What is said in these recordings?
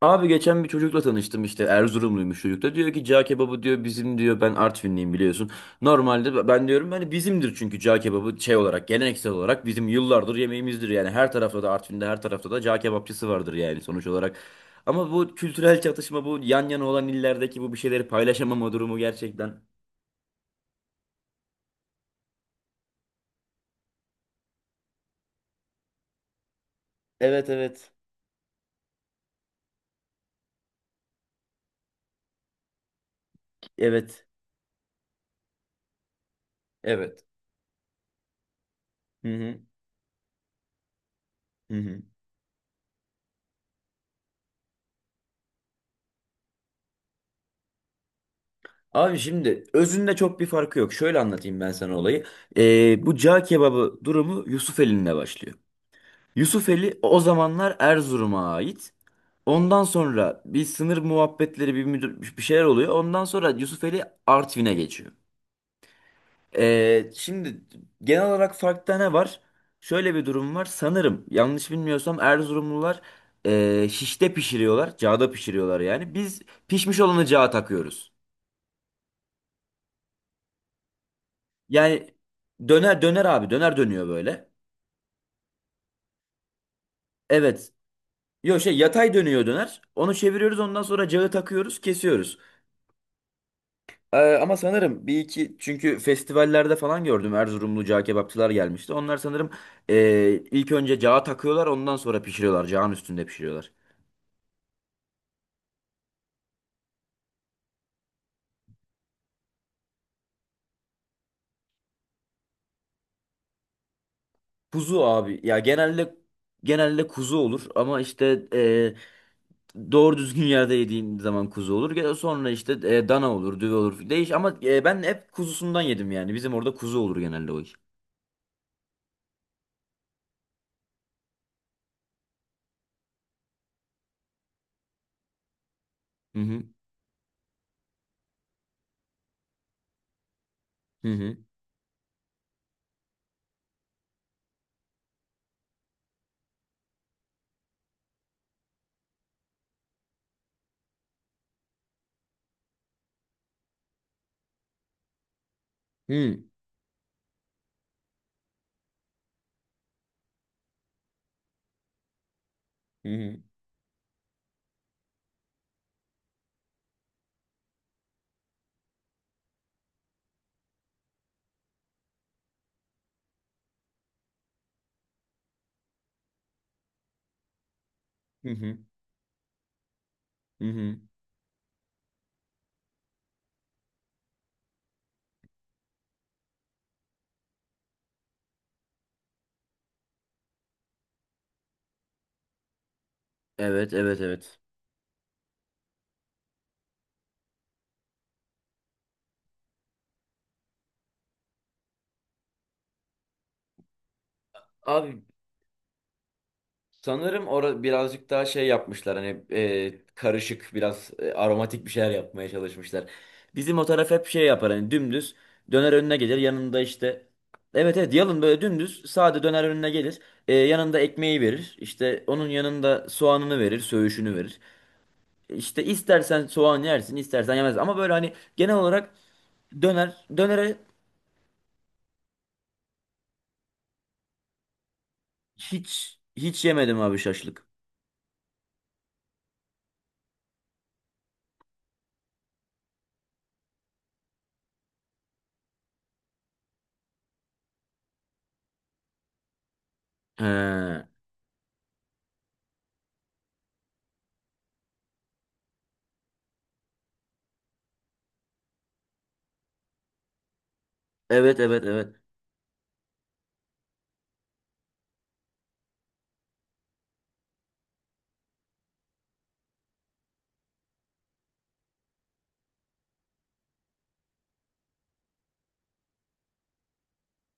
Abi geçen bir çocukla tanıştım işte Erzurumluymuş, çocuk da diyor ki cağ kebabı diyor bizim diyor, ben Artvinliyim biliyorsun. Normalde ben diyorum hani bizimdir, çünkü cağ kebabı şey olarak geleneksel olarak bizim yıllardır yemeğimizdir yani. Her tarafta da, Artvin'de her tarafta da cağ kebapçısı vardır yani sonuç olarak. Ama bu kültürel çatışma, bu yan yana olan illerdeki bu bir şeyleri paylaşamama durumu gerçekten. Evet, evet. Evet. Evet. Hı hı. Hı hı. Abi şimdi özünde çok bir farkı yok. Şöyle anlatayım ben sana olayı. Bu cağ kebabı durumu Yusufeli'nde başlıyor. Yusufeli o zamanlar Erzurum'a ait. Ondan sonra bir sınır muhabbetleri, bir şeyler oluyor. Ondan sonra Yusufeli Artvin'e geçiyor. Şimdi genel olarak farkta ne var? Şöyle bir durum var. Sanırım yanlış bilmiyorsam Erzurumlular şişte pişiriyorlar. Cağda pişiriyorlar yani. Biz pişmiş olanı cağa takıyoruz. Yani döner abi, döner dönüyor böyle. Evet. Yok şey, yatay dönüyor döner. Onu çeviriyoruz, ondan sonra cağı takıyoruz, kesiyoruz. Ama sanırım bir iki, çünkü festivallerde falan gördüm, Erzurumlu cağ kebapçılar gelmişti. Onlar sanırım ilk önce cağı takıyorlar, ondan sonra pişiriyorlar. Cağın üstünde pişiriyorlar. Kuzu abi ya, genelde kuzu olur ama işte doğru düzgün yerde yediğin zaman kuzu olur. Sonra işte dana olur, düve olur. Değiş ama ben hep kuzusundan yedim yani. Bizim orada kuzu olur genelde o iş. Hı hı. Hı hı. Hı hı. Hı hı. Hı hı. Hı hı. Evet, evet, evet. Abi sanırım orada birazcık daha şey yapmışlar, hani karışık biraz aromatik bir şeyler yapmaya çalışmışlar. Bizim o taraf hep şey yapar, hani dümdüz döner önüne gelir, yanında işte evet evet yalın, böyle dümdüz sade döner önüne gelir. Yanında ekmeği verir işte, onun yanında soğanını verir, söğüşünü verir. İşte istersen soğan yersin istersen yemez, ama böyle hani genel olarak döner dönere hiç, hiç yemedim abi şaşlık. He, evet, evet, evet.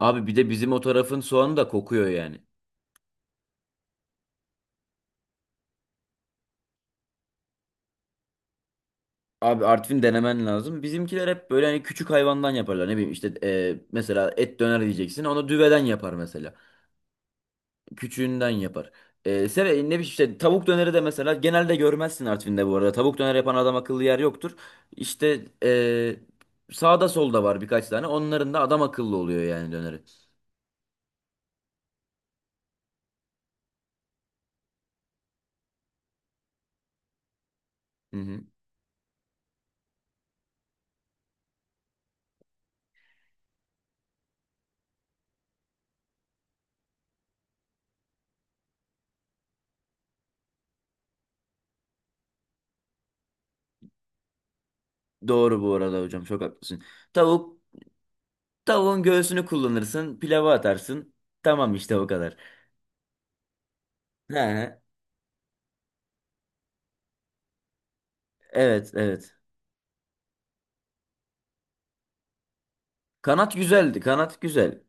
Abi bir de bizim o tarafın soğanı da kokuyor yani. Abi Artvin denemen lazım. Bizimkiler hep böyle hani küçük hayvandan yaparlar. Ne bileyim işte mesela et döner diyeceksin, onu düveden yapar mesela. Küçüğünden yapar. Ne bileyim işte tavuk döneri de mesela genelde görmezsin Artvin'de bu arada. Tavuk döner yapan adam akıllı yer yoktur. İşte sağda solda var birkaç tane. Onların da adam akıllı oluyor yani döneri. Hı hı. Doğru bu arada hocam, çok haklısın. Tavuk, tavuğun göğsünü kullanırsın, pilava atarsın. Tamam işte o kadar. He, he. Evet, evet. Kanat güzeldi. Kanat güzel.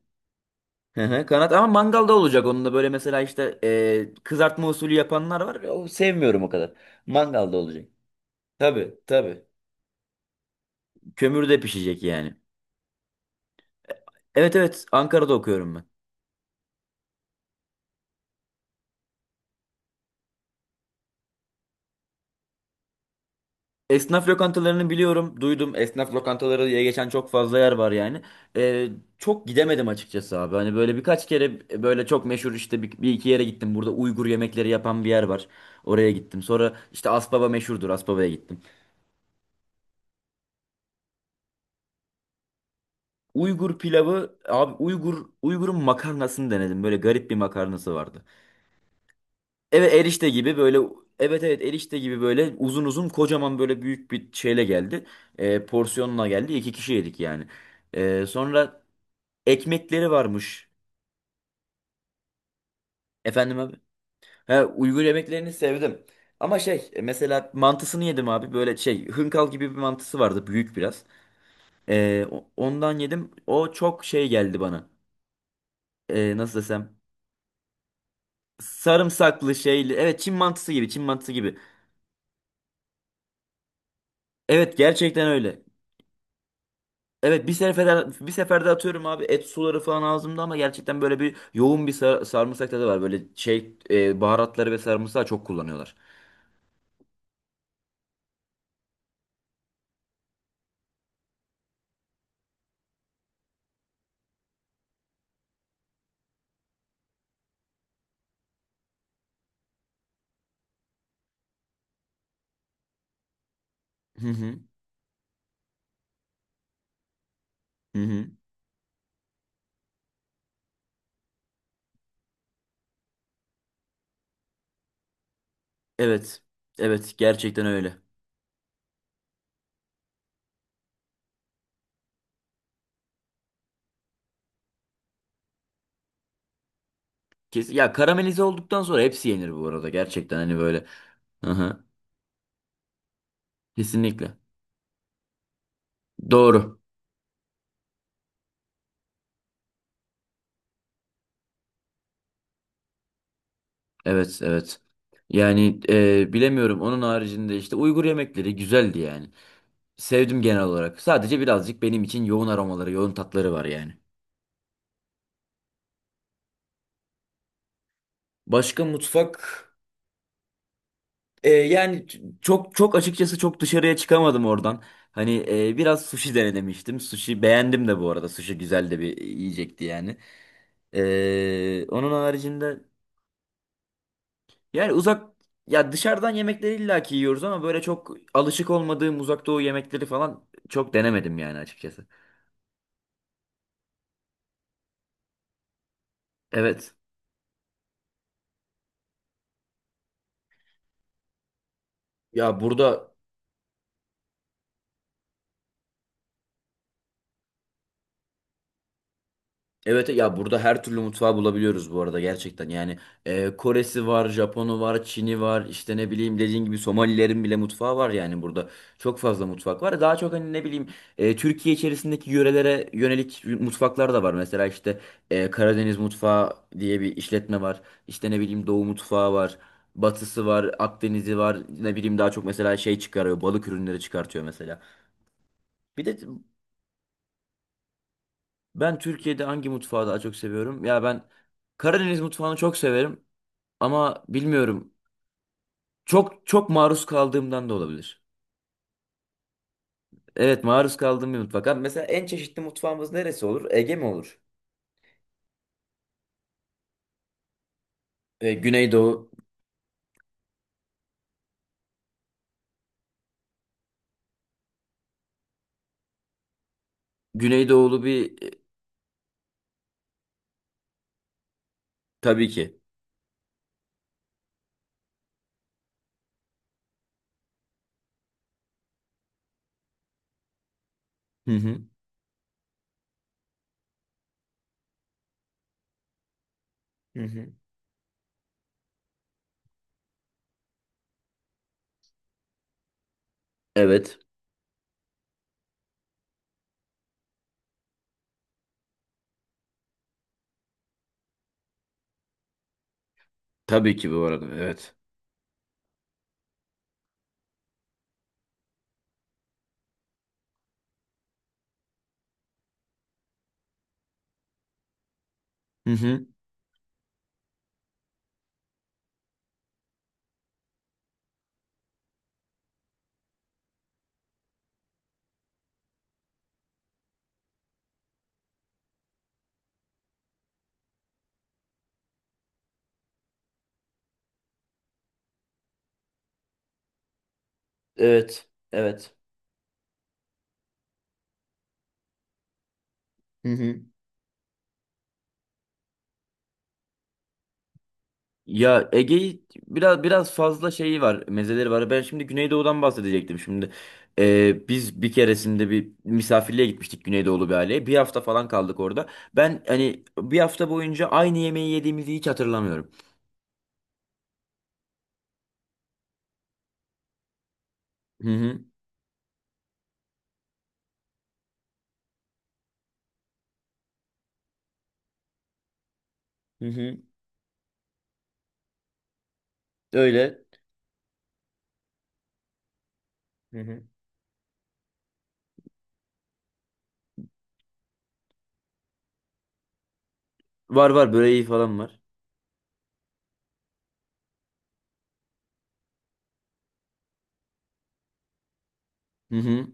Hı hı. Kanat ama mangalda olacak, onun da böyle mesela işte kızartma usulü yapanlar var. O, sevmiyorum o kadar. Mangalda olacak. Tabii, tabii. Kömürde pişecek yani. Evet, evet, Ankara'da okuyorum ben. Esnaf lokantalarını biliyorum, duydum. Esnaf lokantaları diye geçen çok fazla yer var yani. Ee, Çok gidemedim açıkçası abi. Hani böyle birkaç kere böyle çok meşhur işte bir iki yere gittim. Burada Uygur yemekleri yapan bir yer var. Oraya gittim. Sonra işte Aspava meşhurdur, Aspava'ya gittim. Uygur pilavı abi, Uygur'un makarnasını denedim. Böyle garip bir makarnası vardı. Evet, erişte gibi böyle, evet evet erişte gibi böyle uzun uzun kocaman böyle büyük bir şeyle geldi. Porsiyonla geldi. İki kişi yedik yani. Sonra ekmekleri varmış. Efendim abi. He, Uygur yemeklerini sevdim. Ama şey mesela mantısını yedim abi. Böyle şey hınkal gibi bir mantısı vardı. Büyük biraz. Ondan yedim. O çok şey geldi bana. Nasıl desem. Sarımsaklı şeyli. Evet, Çin mantısı gibi. Çin mantısı gibi. Evet gerçekten öyle. Evet, bir seferde atıyorum abi, et suları falan ağzımda, ama gerçekten böyle bir yoğun bir sarımsak tadı var. Böyle şey baharatları ve sarımsağı çok kullanıyorlar. Hı hı. Hı hı. Evet. Evet gerçekten öyle. Kes ya, karamelize olduktan sonra hepsi yenir bu arada, gerçekten hani böyle. Hı hı. Kesinlikle. Doğru. Evet, evet. Yani bilemiyorum, onun haricinde işte Uygur yemekleri güzeldi yani. Sevdim genel olarak. Sadece birazcık benim için yoğun aromaları, yoğun tatları var yani. Başka mutfak yani çok açıkçası çok dışarıya çıkamadım oradan. Hani biraz sushi denemiştim. Sushi beğendim de bu arada. Sushi güzel de bir yiyecekti yani. Onun haricinde yani uzak, ya dışarıdan yemekleri illaki yiyoruz ama böyle çok alışık olmadığım uzak doğu yemekleri falan çok denemedim yani açıkçası. Evet. Ya burada, evet ya burada her türlü mutfağı bulabiliyoruz bu arada gerçekten. Yani Koresi var, Japonu var, Çin'i var, işte ne bileyim dediğin gibi Somalilerin bile mutfağı var yani burada. Çok fazla mutfak var. Daha çok hani ne bileyim Türkiye içerisindeki yörelere yönelik mutfaklar da var. Mesela işte Karadeniz mutfağı diye bir işletme var. İşte ne bileyim Doğu mutfağı var. Batısı var, Akdeniz'i var. Ne bileyim daha çok mesela şey çıkarıyor, balık ürünleri çıkartıyor mesela. Bir de ben Türkiye'de hangi mutfağı daha çok seviyorum? Ya ben Karadeniz mutfağını çok severim ama bilmiyorum. Çok çok maruz kaldığımdan da olabilir. Evet, maruz kaldığım bir mutfak. Abi mesela en çeşitli mutfağımız neresi olur? Ege mi olur? E, Güneydoğu. Güneydoğulu bir tabii ki. Hı hı. Hı hı. Evet. Tabii ki bu arada. Evet. Hı hı. Evet. Evet. Hı hı. Ya Ege'yi biraz, biraz fazla şeyi var, mezeleri var. Ben şimdi Güneydoğu'dan bahsedecektim şimdi. Biz bir keresinde bir misafirliğe gitmiştik, Güneydoğulu bir aileye. Bir hafta falan kaldık orada. Ben hani bir hafta boyunca aynı yemeği yediğimizi hiç hatırlamıyorum. Hı hı. Hı hı. Öyle. Hı hı. Var, var böreği falan var. Hı hı.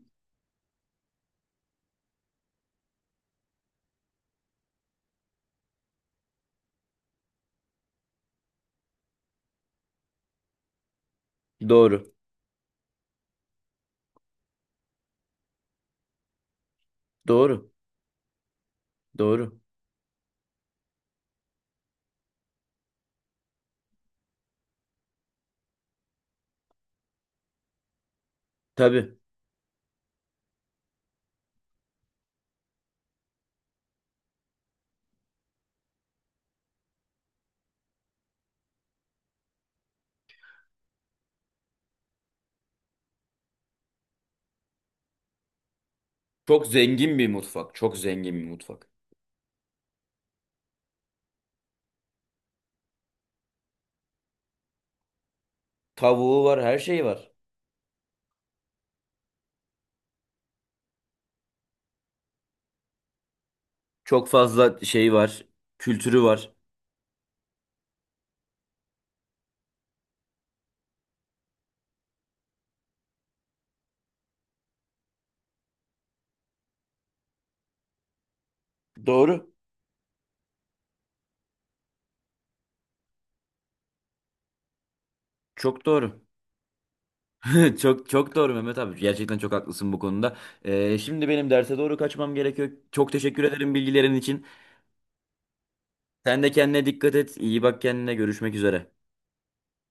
Doğru. Doğru. Doğru. Tabii. Çok zengin bir mutfak. Çok zengin bir mutfak. Tavuğu var, her şey var. Çok fazla şey var, kültürü var. Doğru. Çok doğru. Çok çok doğru Mehmet abi. Gerçekten çok haklısın bu konuda. Şimdi benim derse doğru kaçmam gerekiyor. Çok teşekkür ederim bilgilerin için. Sen de kendine dikkat et. İyi bak kendine. Görüşmek üzere.